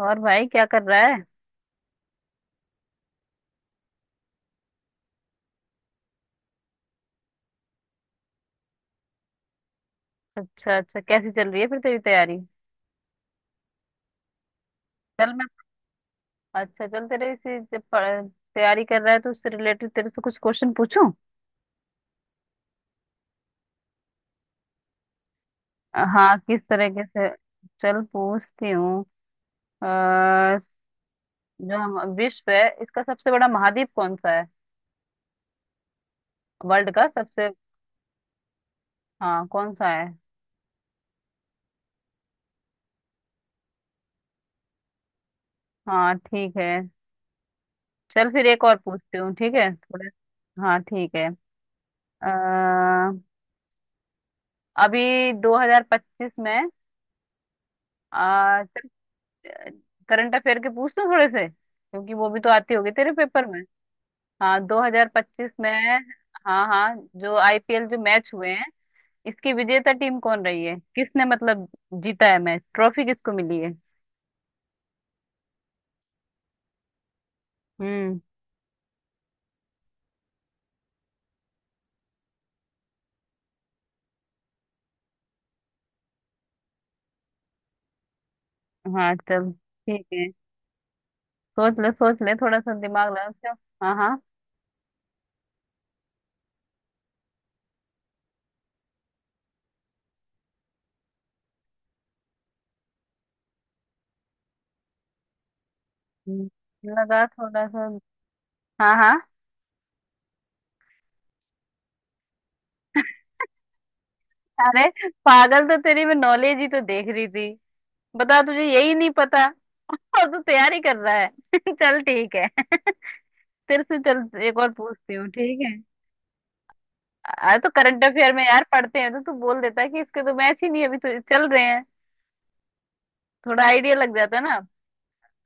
और भाई क्या कर रहा है। अच्छा अच्छा, कैसी चल रही है फिर तेरी तैयारी। चल मैं, अच्छा चल तेरे इसी जब तैयारी कर रहा है तो उससे रिलेटेड तेरे से कुछ क्वेश्चन पूछूं। हाँ, किस तरीके से। चल पूछती हूँ। अ, जो हम विश्व है, इसका सबसे बड़ा महाद्वीप कौन सा है। वर्ल्ड का सबसे, हाँ कौन सा है। हाँ ठीक है। चल फिर एक और पूछती हूँ, ठीक है थोड़े। हाँ ठीक है। अ, अभी 2025 में, आ, करंट अफेयर के पूछ लूं थोड़े से, क्योंकि वो भी तो आती होगी तेरे पेपर में। हाँ, 2025 में, हाँ हाँ, जो आईपीएल जो मैच हुए हैं, इसकी विजेता टीम कौन रही है, किसने मतलब जीता है मैच, ट्रॉफी किसको मिली है। हम्म, हाँ चल ठीक है। सोच ले सोच ले, थोड़ा सा दिमाग लगा क्यों। हाँ हाँ। हम्म, लगा थोड़ा सा। हाँ हाँ। अरे पागल, तो तेरी मैं नॉलेज ही तो देख रही थी। बता, तुझे यही नहीं पता और तू तैयारी कर रहा है। चल ठीक है। तेरे से चल एक और पूछती हूँ, ठीक है। आ तो करंट अफेयर में यार पढ़ते हैं तो तू बोल देता है कि इसके तो मैच ही नहीं है, अभी तो चल रहे हैं। थोड़ा आइडिया लग जाता है ना।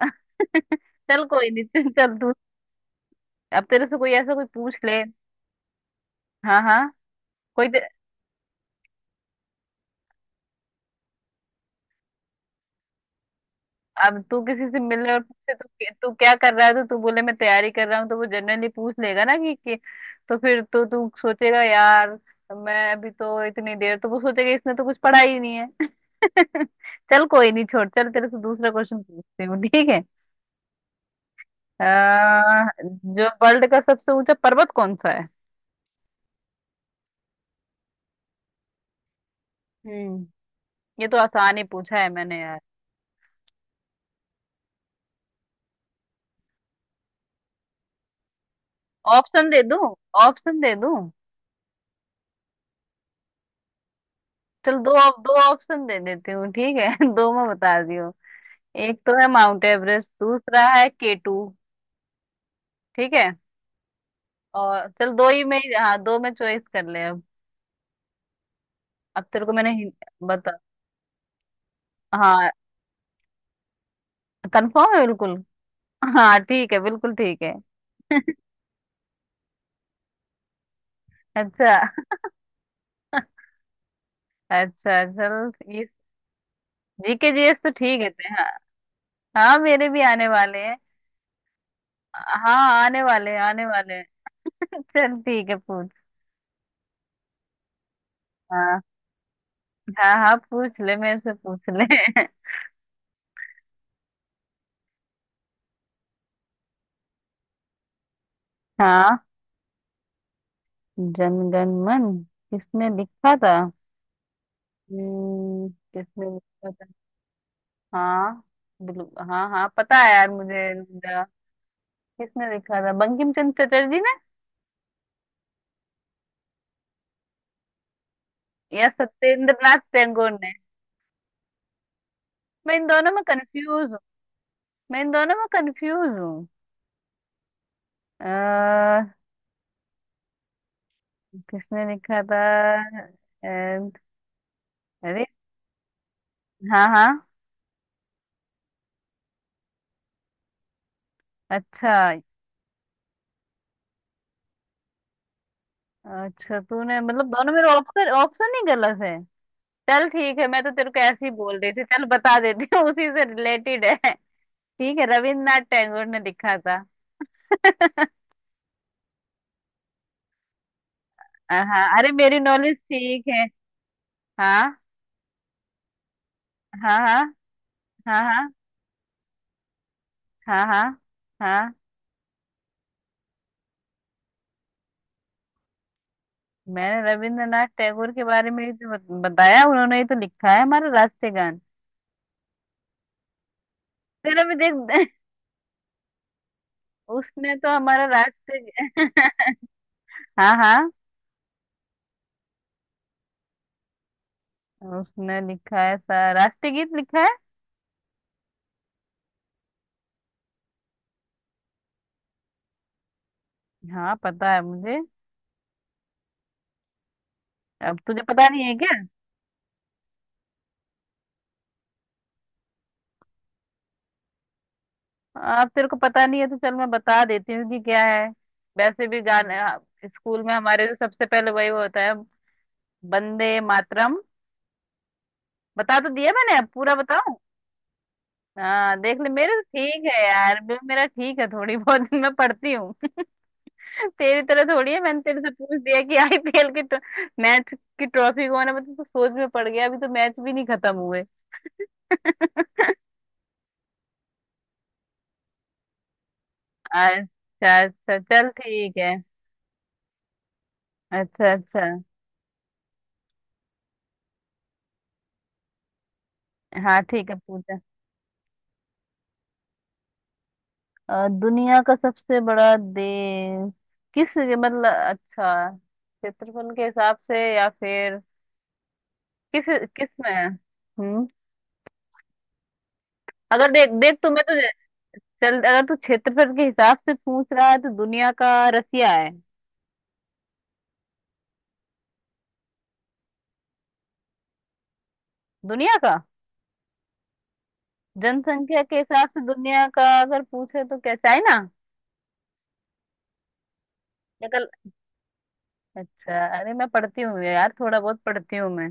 चल कोई नहीं, चल चल तू, अब तेरे से कोई ऐसा कोई पूछ ले। हाँ हाँ। कोई ते- अब तू किसी से मिलने और पूछे तो, तू क्या कर रहा है तो तू बोले मैं तैयारी कर रहा हूँ, तो वो जनरली पूछ लेगा ना कि तो फिर तो तू सोचेगा यार। मैं अभी तो इतनी देर तो वो सोचेगा, इसने तो कुछ पढ़ा ही नहीं है। चल कोई नहीं, छोड़, चल तेरे से दूसरा क्वेश्चन पूछती हूँ, ठीक है। जो वर्ल्ड का सबसे ऊंचा पर्वत कौन सा है। हम्म। ये तो आसान ही पूछा है मैंने यार। ऑप्शन दे दूं? ऑप्शन दे दूं? चल दो, दो ऑप्शन दे देती हूँ, ठीक है। दो में बता दियो, एक तो है माउंट एवरेस्ट, दूसरा है के टू। ठीक है। और चल दो ही में ही- हाँ, दो में चॉइस कर ले अब। अब तेरे को मैंने बता। हाँ, कंफर्म है बिल्कुल। हाँ ठीक है, बिल्कुल ठीक है। अच्छा। अच्छा चल ये जीके जीएस तो ठीक है हाँ। हाँ मेरे भी आने वाले हैं। हाँ आने वाले हैं, आने वाले हैं। चल ठीक है पूछ। हाँ हाँ, हाँ पूछ ले, मेरे से पूछ ले। हाँ। जनगण मन किसने लिखा था। हम्म, किसने लिखा था। हाँ, बिल्कुल हाँ हाँ, पता है यार मुझे रुद्रा। किसने लिखा था? बंकिम चंद्र चटर्जी ने या सत्येंद्र नाथ टैगोर ने। मैं इन दोनों में कंफ्यूज हूँ। मैं इन दोनों में कंफ्यूज हूँ। अह, किसने लिखा था। अह, अरे। हाँ हाँ। अच्छा। अच्छा तूने मतलब दोनों मेरे ऑप्शन ऑप्शन ही गलत है। चल ठीक है, मैं तो तेरे को ऐसे ही बोल रही थी, चल बता देती हूँ उसी से रिलेटेड है। ठीक है, रविन्द्रनाथ टैगोर ने लिखा था। हाँ अरे मेरी नॉलेज ठीक है। हाँ हाँ। हाँ हाँ। हाँ। हाँ हाँ। हाँ। मैंने रविंद्रनाथ टैगोर के बारे में ही तो बताया, उन्होंने ही तो लिखा है हमारा राष्ट्रीय गान। तेरा भी देख। उसने तो हमारा राष्ट्रीय हाँ हाँ, उसने लिखा है सा राष्ट्रीय गीत लिखा है। हाँ पता है मुझे। अब तुझे पता नहीं है क्या? अब तेरे को पता नहीं है तो चल मैं बता देती हूँ कि क्या है। वैसे भी गाने, हाँ, स्कूल में हमारे जो सबसे पहले वही होता है, वंदे मातरम। बता तो दिया मैंने, अब पूरा बताऊं। हाँ देख ले, मेरे तो ठीक है यार, मेरा ठीक है थोड़ी बहुत मैं पढ़ती हूँ। तेरी तरह थोड़ी है, मैंने तेरे से पूछ दिया कि आईपीएल की तो, मैच की ट्रॉफी कौन है मतलब, तो सोच में पड़ गया, अभी तो मैच भी नहीं खत्म हुए। अच्छा अच्छा, चल ठीक है। अच्छा अच्छा। हाँ ठीक है, पूछा। दुनिया का सबसे बड़ा देश, किस मतलब अच्छा क्षेत्रफल के हिसाब से या फिर किस, किस में है हम्म? अगर देख देख तुम्हें तो, चल अगर तू क्षेत्रफल के हिसाब से पूछ रहा है तो दुनिया का रसिया है। दुनिया का जनसंख्या के हिसाब से दुनिया का अगर पूछे तो कैसा है ना। निकल। अच्छा, अरे मैं पढ़ती हूँ यार थोड़ा बहुत, पढ़ती हूँ मैं,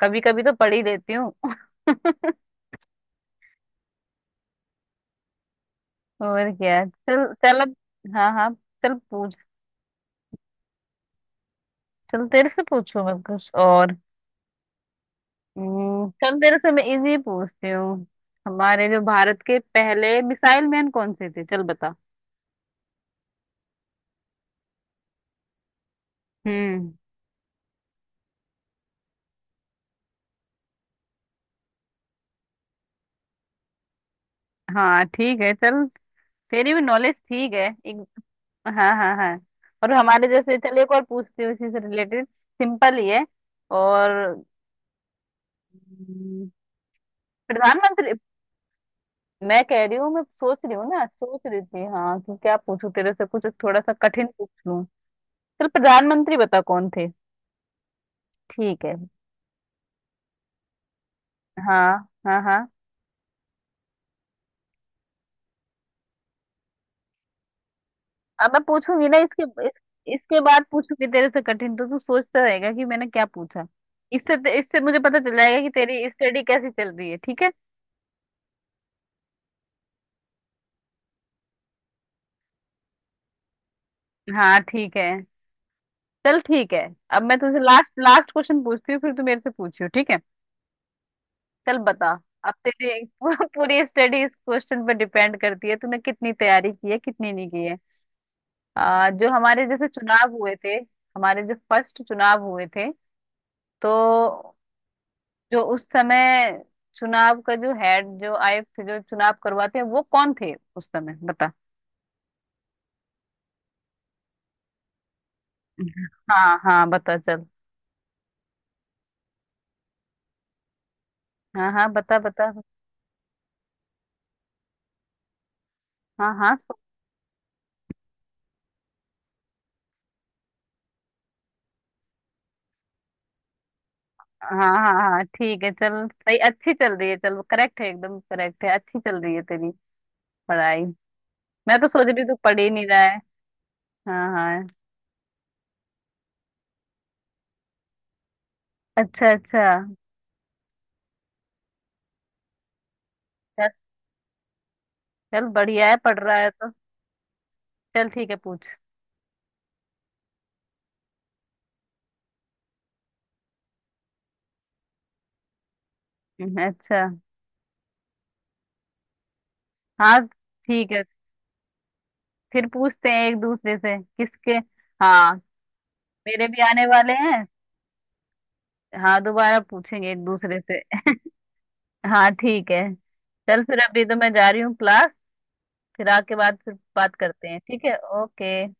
कभी कभी तो पढ़ ही लेती हूँ। और क्या, चल चल अब। हाँ हाँ। चल पूछ। चल तेरे से पूछू मैं कुछ और। चल तेरे से मैं इजी पूछती हूँ। हमारे जो भारत के पहले मिसाइल मैन कौन से थे, चल बता। हम्म। हाँ ठीक है, चल, तेरी भी नॉलेज ठीक है। एक, हाँ हाँ हाँ। और हमारे जैसे, चलिए एक और पूछती हूँ, इसी से रिलेटेड सिंपल ही है। और हम्म, प्रधानमंत्री। मैं कह रही हूँ, मैं सोच रही हूँ ना, सोच रही थी हाँ कि क्या पूछूं तेरे से कुछ थोड़ा सा कठिन पूछ लूँ। चल प्रधानमंत्री बता कौन थे। ठीक है। हाँ हाँ हाँ। अब मैं पूछूंगी ना इसके इस, इसके बाद पूछूंगी तेरे से कठिन, तो तू सोचता रहेगा कि मैंने क्या पूछा। इससे इससे मुझे पता चल जाएगा कि तेरी स्टडी कैसी चल रही है, ठीक है। हाँ ठीक है। चल ठीक है। अब मैं तुझसे लास्ट लास्ट क्वेश्चन पूछती हूँ, फिर तू मेरे से पूछियो, ठीक है। चल बता। अब तेरी पूरी स्टडी इस क्वेश्चन पर डिपेंड करती है, तूने कितनी तैयारी की है कितनी नहीं की है। जो हमारे जैसे चुनाव हुए थे, हमारे जो फर्स्ट चुनाव हुए थे, तो जो उस समय चुनाव का जो हेड, जो आयुक्त थे, जो चुनाव करवाते हैं, वो कौन थे उस समय बता। हाँ हाँ बता चल। हाँ हाँ बता बता। हाँ हाँ हाँ हाँ हाँ ठीक है, चल सही, अच्छी चल रही है, चल करेक्ट है, एकदम करेक्ट है, अच्छी चल रही है तेरी पढ़ाई। मैं तो सोच रही हूँ तू पढ़ ही नहीं रहा है। हाँ हाँ। अच्छा अच्छा। चल, चल बढ़िया है, पढ़ रहा है तो। चल ठीक है पूछ। अच्छा। हाँ ठीक है। फिर पूछते हैं एक दूसरे से किसके। हाँ मेरे भी आने वाले हैं। हाँ, दोबारा पूछेंगे एक दूसरे से। हाँ ठीक है। चल फिर, अभी तो मैं जा रही हूँ क्लास, फिर आके बाद फिर बात करते हैं, ठीक है। ओके।